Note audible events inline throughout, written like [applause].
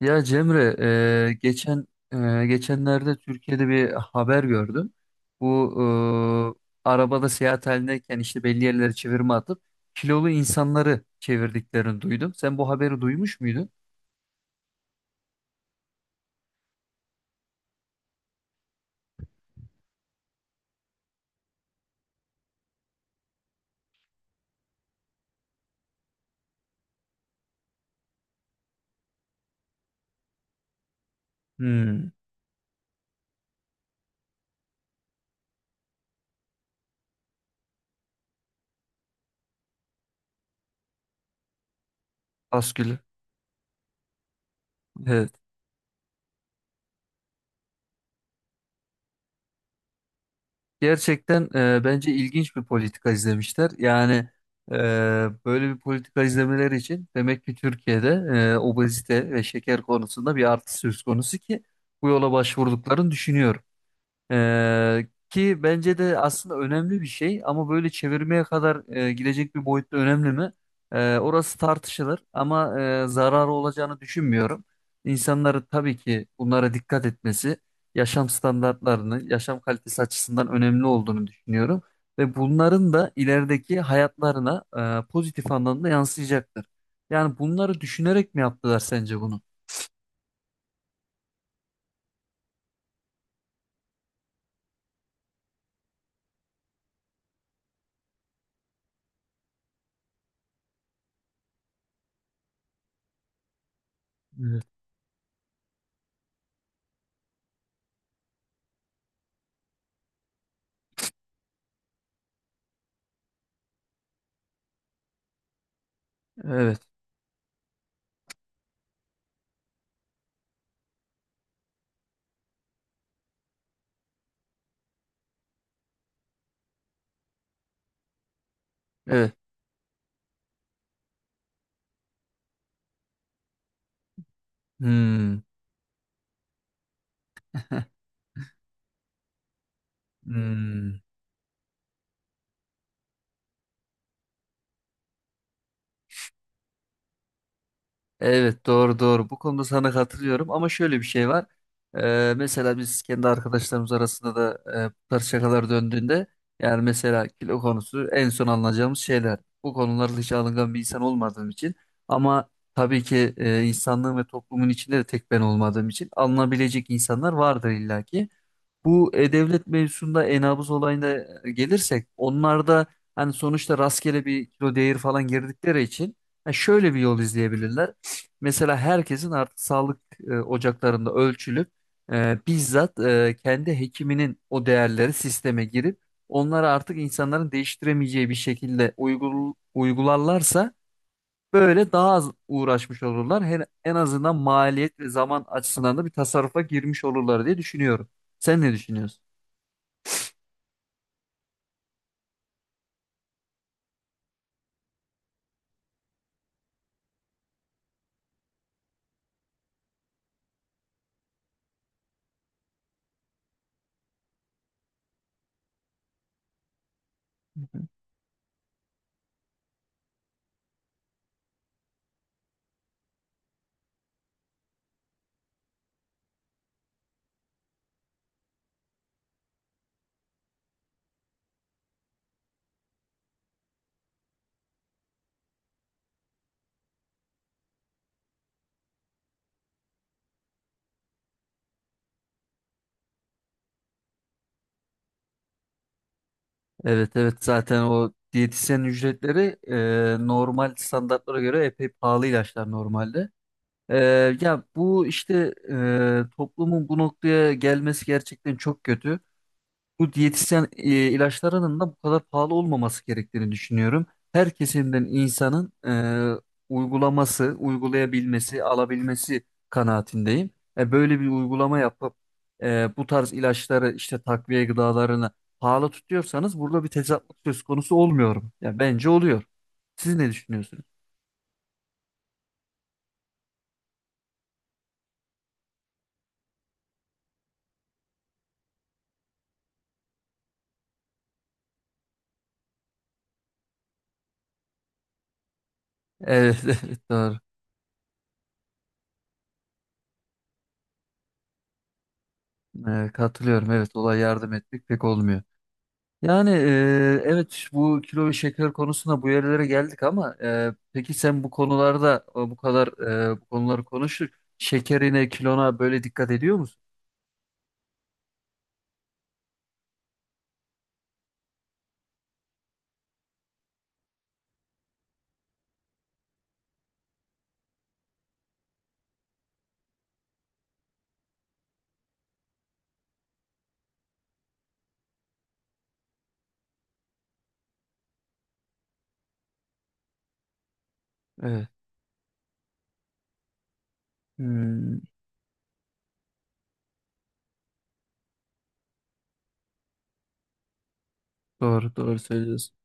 Ya Cemre, e, geçen geçenlerde Türkiye'de bir haber gördüm. Bu Arabada seyahat halindeyken işte belli yerlere çevirme atıp kilolu insanları çevirdiklerini duydum. Sen bu haberi duymuş muydun? Hmm. Askül. Evet. Gerçekten bence ilginç bir politika izlemişler. Yani e, böyle bir politika izlemeleri için demek ki Türkiye'de obezite ve şeker konusunda bir artış söz konusu ki bu yola başvurduklarını düşünüyorum. Ki bence de aslında önemli bir şey ama böyle çevirmeye kadar gidecek bir boyutta önemli mi? Orası tartışılır ama zararı olacağını düşünmüyorum. İnsanları tabii ki bunlara dikkat etmesi, yaşam standartlarını, yaşam kalitesi açısından önemli olduğunu düşünüyorum. Ve bunların da ilerideki hayatlarına pozitif anlamda yansıyacaktır. Yani bunları düşünerek mi yaptılar sence bunu? Evet. Evet. Evet. Hmm. Hmm. Evet, doğru doğru. Bu konuda sana katılıyorum ama şöyle bir şey var. Mesela biz kendi arkadaşlarımız arasında da bu tarz şakalar döndüğünde yani mesela kilo konusu en son alınacağımız şeyler. Bu konularda hiç alıngan bir insan olmadığım için ama tabii ki insanlığın ve toplumun içinde de tek ben olmadığım için alınabilecek insanlar vardır illaki. Bu e-devlet mevzusunda e-nabız olayına gelirsek onlar da hani sonuçta rastgele bir kilo değeri falan girdikleri için ha, şöyle bir yol izleyebilirler. Mesela herkesin artık sağlık ocaklarında ölçülüp bizzat kendi hekiminin o değerleri sisteme girip onları artık insanların değiştiremeyeceği bir şekilde uygularlarsa böyle daha az uğraşmış olurlar. En azından maliyet ve zaman açısından da bir tasarrufa girmiş olurlar diye düşünüyorum. Sen ne düşünüyorsun? Evet, evet, zaten o diyetisyen ücretleri normal standartlara göre epey pahalı ilaçlar normalde. E, Ya bu işte toplumun bu noktaya gelmesi gerçekten çok kötü, bu diyetisyen ilaçlarının da bu kadar pahalı olmaması gerektiğini düşünüyorum. Her kesimden insanın e, uygulaması, uygulayabilmesi, alabilmesi kanaatindeyim. Böyle bir uygulama yapıp bu tarz ilaçları işte takviye gıdalarını pahalı tutuyorsanız burada bir tezatlık söz konusu olmuyor mu? Ya bence oluyor. Siz ne düşünüyorsunuz? Evet, [laughs] evet, doğru. Katılıyorum. Evet, olay yardım etmek pek olmuyor. Yani evet, bu kilo ve şeker konusunda bu yerlere geldik ama peki sen bu konularda bu konuları konuştuk. Şekerine, kilona böyle dikkat ediyor musun? Evet. Hmm, doğru doğru söylüyorsun.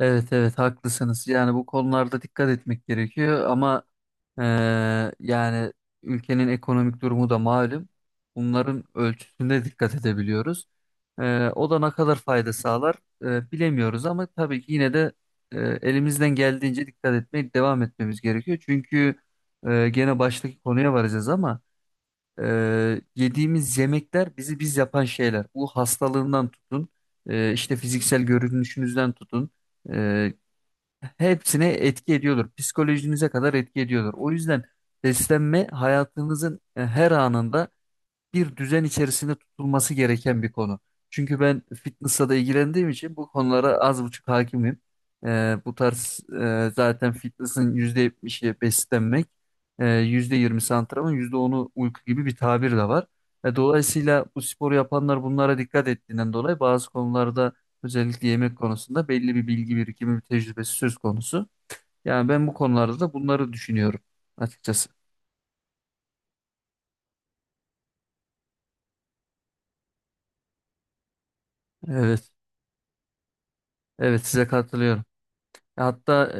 Evet, evet, haklısınız. Yani bu konularda dikkat etmek gerekiyor ama eee, yani ülkenin ekonomik durumu da malum. Bunların ölçüsüne dikkat edebiliyoruz. O da ne kadar fayda sağlar bilemiyoruz ama tabii ki yine de elimizden geldiğince dikkat etmeye devam etmemiz gerekiyor. Çünkü gene baştaki konuya varacağız ama yediğimiz yemekler bizi biz yapan şeyler. Bu hastalığından tutun, işte fiziksel görünüşünüzden tutun hepsine etki ediyordur. Psikolojinize kadar etki ediyordur. O yüzden beslenme hayatınızın her anında bir düzen içerisinde tutulması gereken bir konu. Çünkü ben fitness'la da ilgilendiğim için bu konulara az buçuk hakimim. Bu tarz zaten fitness'ın %70'i beslenmek, %20'si antrenman, %10'u uyku gibi bir tabir de var. Dolayısıyla bu sporu yapanlar bunlara dikkat ettiğinden dolayı bazı konularda özellikle yemek konusunda belli bir bilgi birikimi, bir tecrübesi söz konusu. Yani ben bu konularda da bunları düşünüyorum açıkçası. Evet, evet, size katılıyorum. Hatta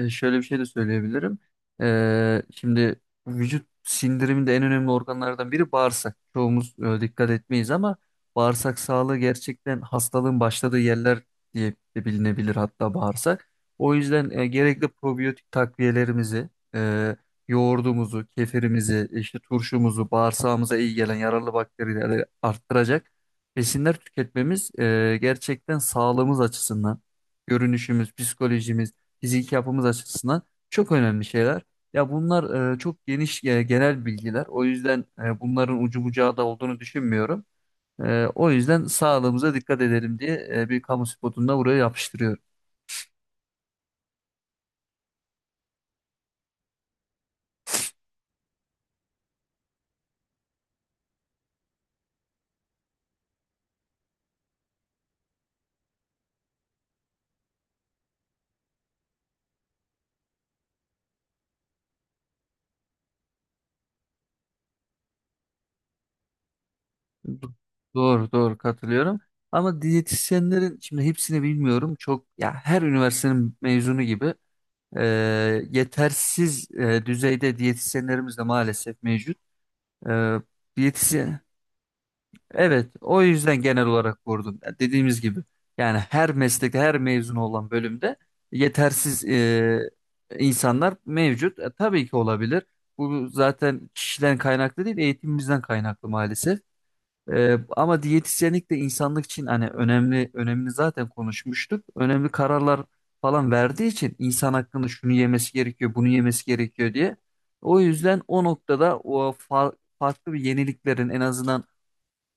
şöyle bir şey de söyleyebilirim. Şimdi vücut sindiriminde en önemli organlardan biri bağırsak. Çoğumuz dikkat etmeyiz ama bağırsak sağlığı gerçekten hastalığın başladığı yerler diye de bilinebilir hatta bağırsak. O yüzden gerekli probiyotik takviyelerimizi, e, yoğurdumuzu, kefirimizi, işte turşumuzu, bağırsağımıza iyi gelen yararlı bakterileri arttıracak besinler tüketmemiz gerçekten sağlığımız açısından görünüşümüz, psikolojimiz, fiziki yapımız açısından çok önemli şeyler. Ya bunlar çok geniş genel bilgiler. O yüzden bunların ucu bucağı da olduğunu düşünmüyorum. O yüzden sağlığımıza dikkat edelim diye bir kamu spotunda buraya yapıştırıyorum. Do- Doğru doğru katılıyorum. Ama diyetisyenlerin şimdi hepsini bilmiyorum. Çok ya her üniversitenin mezunu gibi e, yetersiz düzeyde diyetisyenlerimiz de maalesef mevcut. E, Diyetisyen. Evet, o yüzden genel olarak vurdum. Ya dediğimiz gibi yani her meslekte, her mezun olan bölümde yetersiz insanlar mevcut. Tabii ki olabilir. Bu zaten kişiden kaynaklı değil, eğitimimizden kaynaklı maalesef. Ama diyetisyenlik de insanlık için hani önemli, önemini zaten konuşmuştuk. Önemli kararlar falan verdiği için insan hakkında şunu yemesi gerekiyor, bunu yemesi gerekiyor diye. O yüzden o noktada o farklı bir yeniliklerin en azından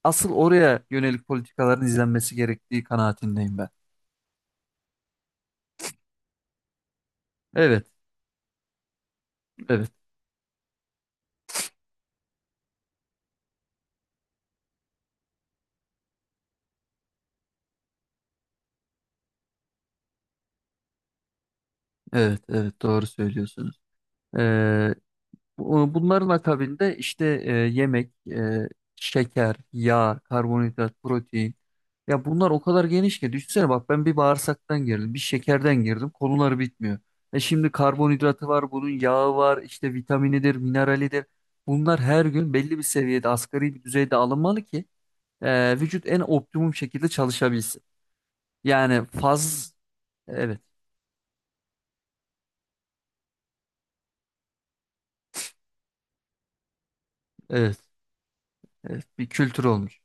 asıl oraya yönelik politikaların izlenmesi gerektiği kanaatindeyim ben. Evet, evet, evet, evet, doğru söylüyorsunuz. Ee, Bunların akabinde işte yemek, şeker, yağ, karbonhidrat, protein. Ya bunlar o kadar geniş ki düşünsene bak ben bir bağırsaktan girdim, bir şekerden girdim, konuları bitmiyor. Şimdi karbonhidratı var, bunun yağı var, işte vitaminidir, mineralidir. Bunlar her gün belli bir seviyede, asgari bir düzeyde alınmalı ki vücut en optimum şekilde çalışabilsin. Yani faz Evet, evet, evet, bir kültür olmuş.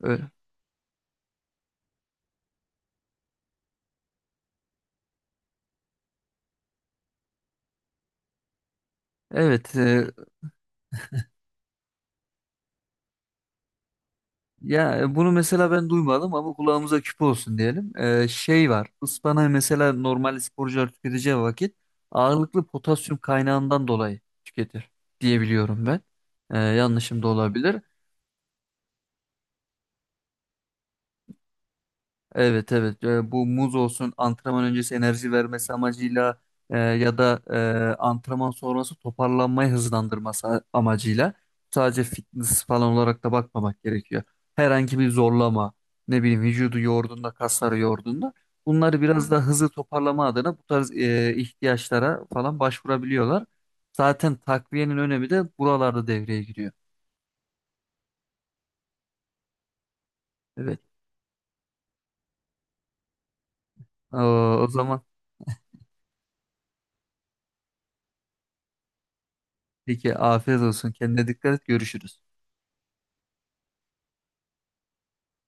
Öyle. Evet, ya bunu mesela ben duymadım ama kulağımıza küp olsun diyelim. Şey var, ıspanağı mesela normal sporcular tüketeceği vakit ağırlıklı potasyum kaynağından dolayı tüketir diyebiliyorum ben. Yanlışım da olabilir. Evet, evet. Bu muz olsun antrenman öncesi enerji vermesi amacıyla ya da antrenman sonrası toparlanmayı hızlandırması amacıyla sadece fitness falan olarak da bakmamak gerekiyor. Herhangi bir zorlama ne bileyim vücudu yorduğunda kasları yorduğunda bunları biraz da hızlı toparlama adına bu tarz ihtiyaçlara falan başvurabiliyorlar. Zaten takviyenin önemi de buralarda devreye giriyor. Evet. O zaman peki afiyet olsun, kendine dikkat et, görüşürüz.